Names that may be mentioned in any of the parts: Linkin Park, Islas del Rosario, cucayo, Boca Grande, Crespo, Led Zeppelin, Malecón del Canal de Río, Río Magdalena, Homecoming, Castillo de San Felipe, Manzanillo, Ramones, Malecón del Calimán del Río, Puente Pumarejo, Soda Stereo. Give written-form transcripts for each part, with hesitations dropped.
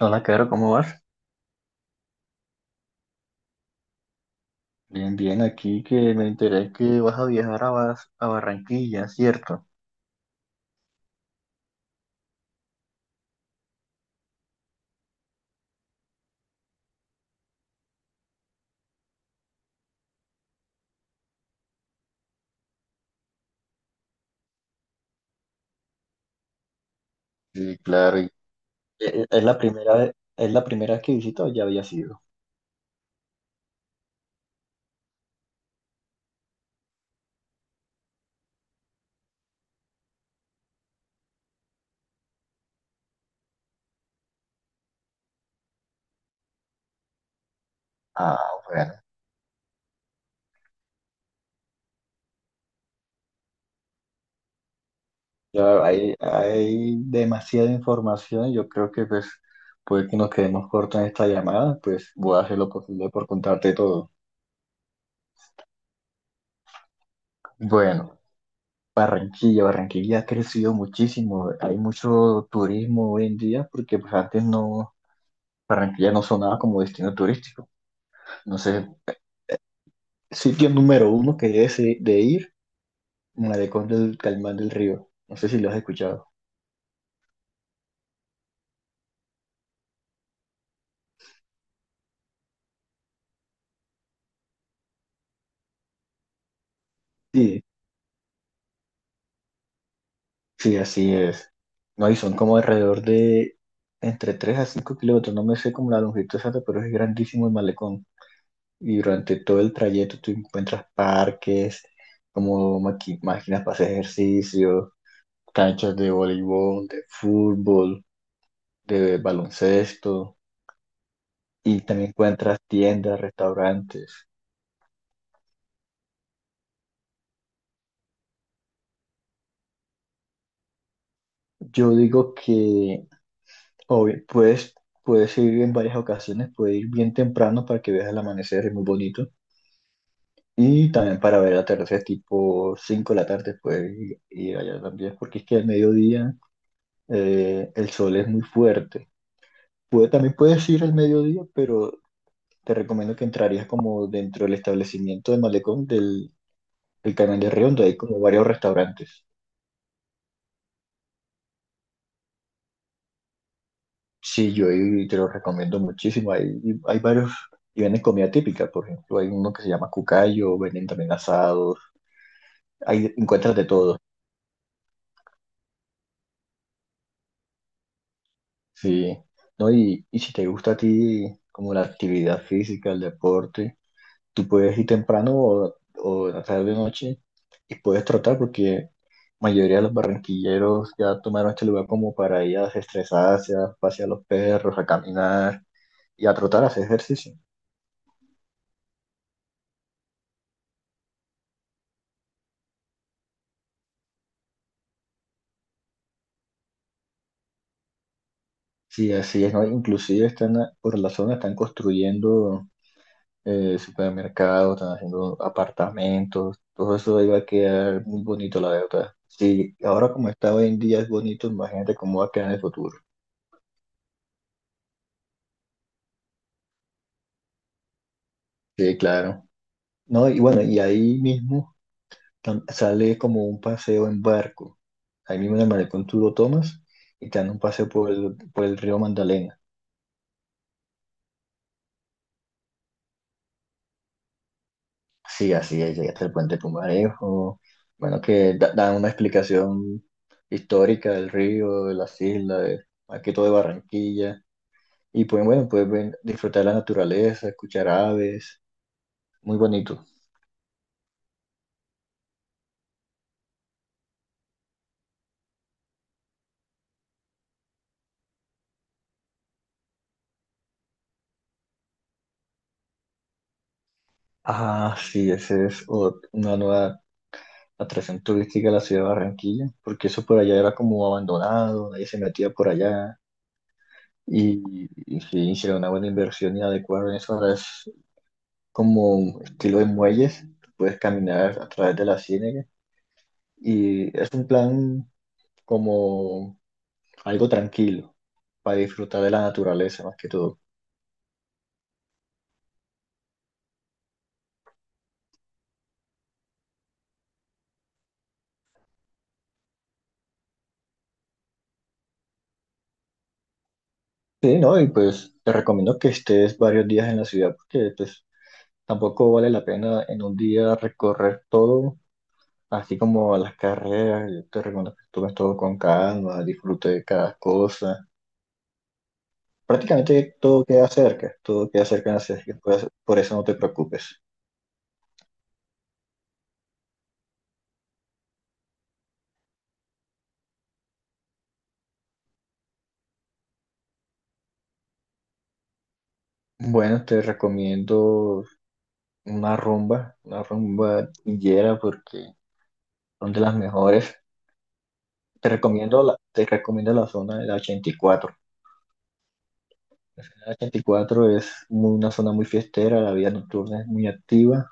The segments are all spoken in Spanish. Hola, Caro, ¿cómo vas? Bien, bien, aquí que me enteré que vas a viajar a, a Barranquilla, ¿cierto? Sí, claro. ¿Es la primera, es la primera vez que visito o ya había sido? Ah, bueno. Ya hay demasiada información. Yo creo que pues puede que nos quedemos cortos en esta llamada. Pues voy a hacer lo posible por contarte todo. Bueno, Barranquilla, Barranquilla ha crecido muchísimo. Hay mucho turismo hoy en día porque pues antes no, Barranquilla no sonaba como destino turístico. No sé, sitio número uno que debes de ir, Malecón del Calimán del Río. No sé si lo has escuchado. Sí, sí, así es. No, y son como alrededor de entre 3 a 5 kilómetros. No me sé como la longitud exacta, pero es grandísimo el malecón. Y durante todo el trayecto tú encuentras parques, como máquinas para hacer ejercicio, canchas de voleibol, de fútbol, de baloncesto. Y también encuentras tiendas, restaurantes. Yo digo que, obvio, puedes ir en varias ocasiones, puedes ir bien temprano para que veas el amanecer, es muy bonito. Y también para ver el atardecer, tipo 5 de la tarde, puedes ir, allá también, porque es que al mediodía el sol es muy fuerte. También puedes ir al mediodía, pero te recomiendo que entrarías como dentro del establecimiento de Malecón del, Canal de Río, donde hay como varios restaurantes. Sí, yo ahí te lo recomiendo muchísimo. Hay varios y venden comida típica, por ejemplo, hay uno que se llama cucayo, venden también asados, ahí encuentras de todo, sí. ¿No? Y si te gusta a ti como la actividad física, el deporte, tú puedes ir temprano o, en la tarde noche y puedes trotar porque la mayoría de los barranquilleros ya tomaron este lugar como para ir a desestresarse, a pasear a los perros, a caminar y a trotar, a hacer ejercicio. Sí, así es, ¿no? Inclusive están a- por la zona están construyendo supermercados, están haciendo apartamentos, todo eso ahí va a quedar muy bonito, la verdad. Sí, ahora como está hoy en día es bonito, imagínate cómo va a quedar en el futuro. Sí, claro. No, y bueno, y ahí mismo sale como un paseo en barco. Ahí mismo en el malecón tú lo tomas y te dan un paseo por el, río Magdalena. Sí, así es, llegaste al puente Pumarejo. Bueno, que dan una explicación histórica del río, de las islas, más que todo de Barranquilla. Y pues bueno, puedes disfrutar la naturaleza, escuchar aves, muy bonito. Ah, sí, esa es una nueva atracción turística de la ciudad de Barranquilla, porque eso por allá era como abandonado, nadie se metía por allá. Y, y sí, hicieron una buena inversión y adecuaron eso. Ahora es como estilo de muelles, puedes caminar a través de la ciénaga. Y es un plan como algo tranquilo, para disfrutar de la naturaleza más que todo. Sí, ¿no? Y pues te recomiendo que estés varios días en la ciudad porque pues tampoco vale la pena en un día recorrer todo, así como las carreras. Yo te recomiendo que tomes todo con calma, disfrute de cada cosa. Prácticamente todo queda cerca en la ciudad, así que puedes- por eso no te preocupes. Bueno, te recomiendo una rumba guillera porque son de las mejores. Te recomiendo te recomiendo la zona de la 84. La 84 es una zona muy fiestera, la vida nocturna es muy activa.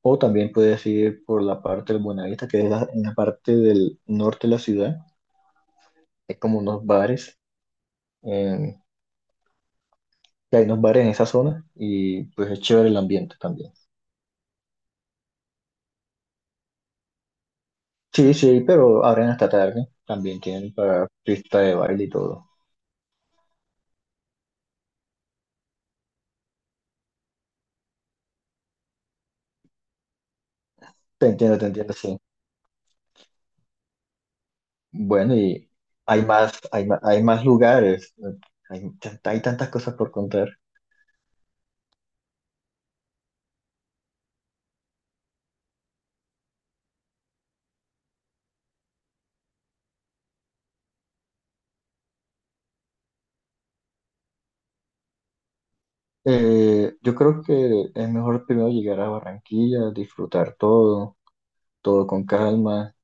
O también puedes ir por la parte del Buenavista, que es la, en la parte del norte de la ciudad. Hay como unos bares, eh, que hay unos bares en esa zona y pues es chévere el ambiente también. Sí, sí, pero abren hasta tarde. También tienen para pista de baile y todo. Te entiendo, sí. Bueno, y hay más lugares. Hay tantas cosas por contar. Yo creo que es mejor primero llegar a Barranquilla, disfrutar todo, todo con calma.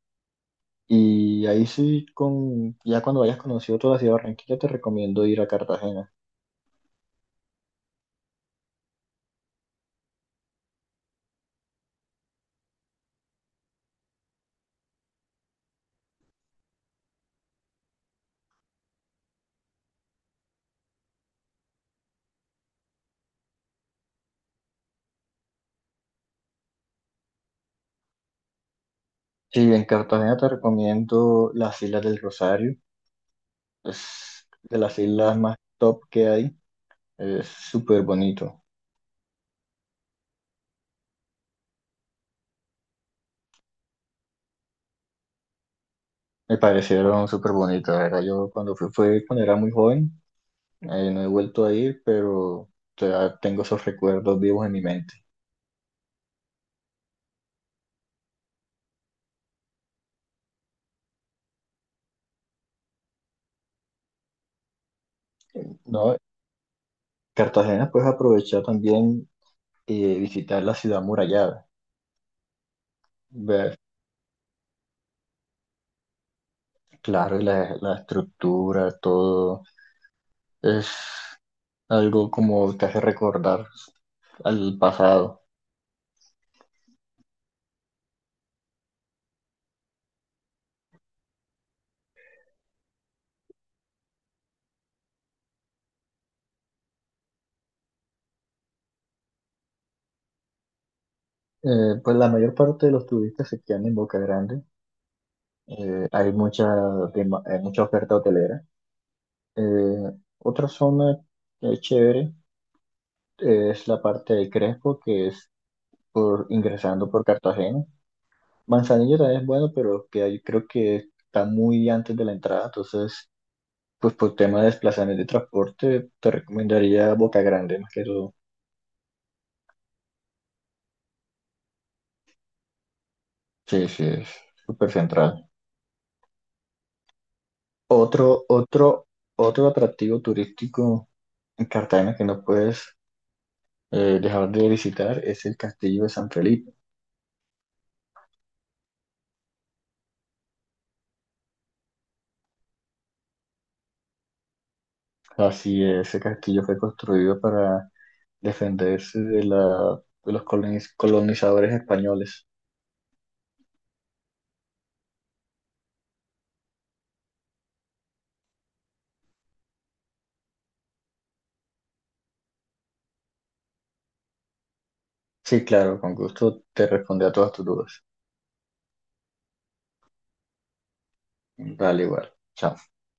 Y ahí sí, ya cuando hayas conocido toda la ciudad de Barranquilla, te recomiendo ir a Cartagena. Sí, en Cartagena te recomiendo las Islas del Rosario. Es de las islas más top que hay. Es súper bonito. Me parecieron súper bonitas, la verdad. Yo cuando fui, fue cuando era muy joven. No he vuelto a ir, pero o sea, tengo esos recuerdos vivos en mi mente. No, Cartagena puedes aprovechar también visitar la ciudad murallada, ver, claro, la estructura, todo es algo como te hace recordar al pasado. Pues la mayor parte de los turistas se quedan en Boca Grande, eh, hay mucha, hay mucha oferta hotelera. Eh, Otra zona que es chévere es la parte de Crespo, que es por, ingresando por Cartagena. Manzanillo también es bueno, pero que ahí creo que está muy antes de la entrada, entonces, pues por tema de desplazamiento de transporte, te recomendaría Boca Grande más que todo. Sí, sí, es súper central. Otro, otro, otro atractivo turístico en Cartagena que no puedes dejar de visitar es el Castillo de San Felipe. Así es, ese castillo fue construido para defenderse de los colonizadores españoles. Sí, claro, con gusto te responde a todas tus dudas. Vale, igual. Chao.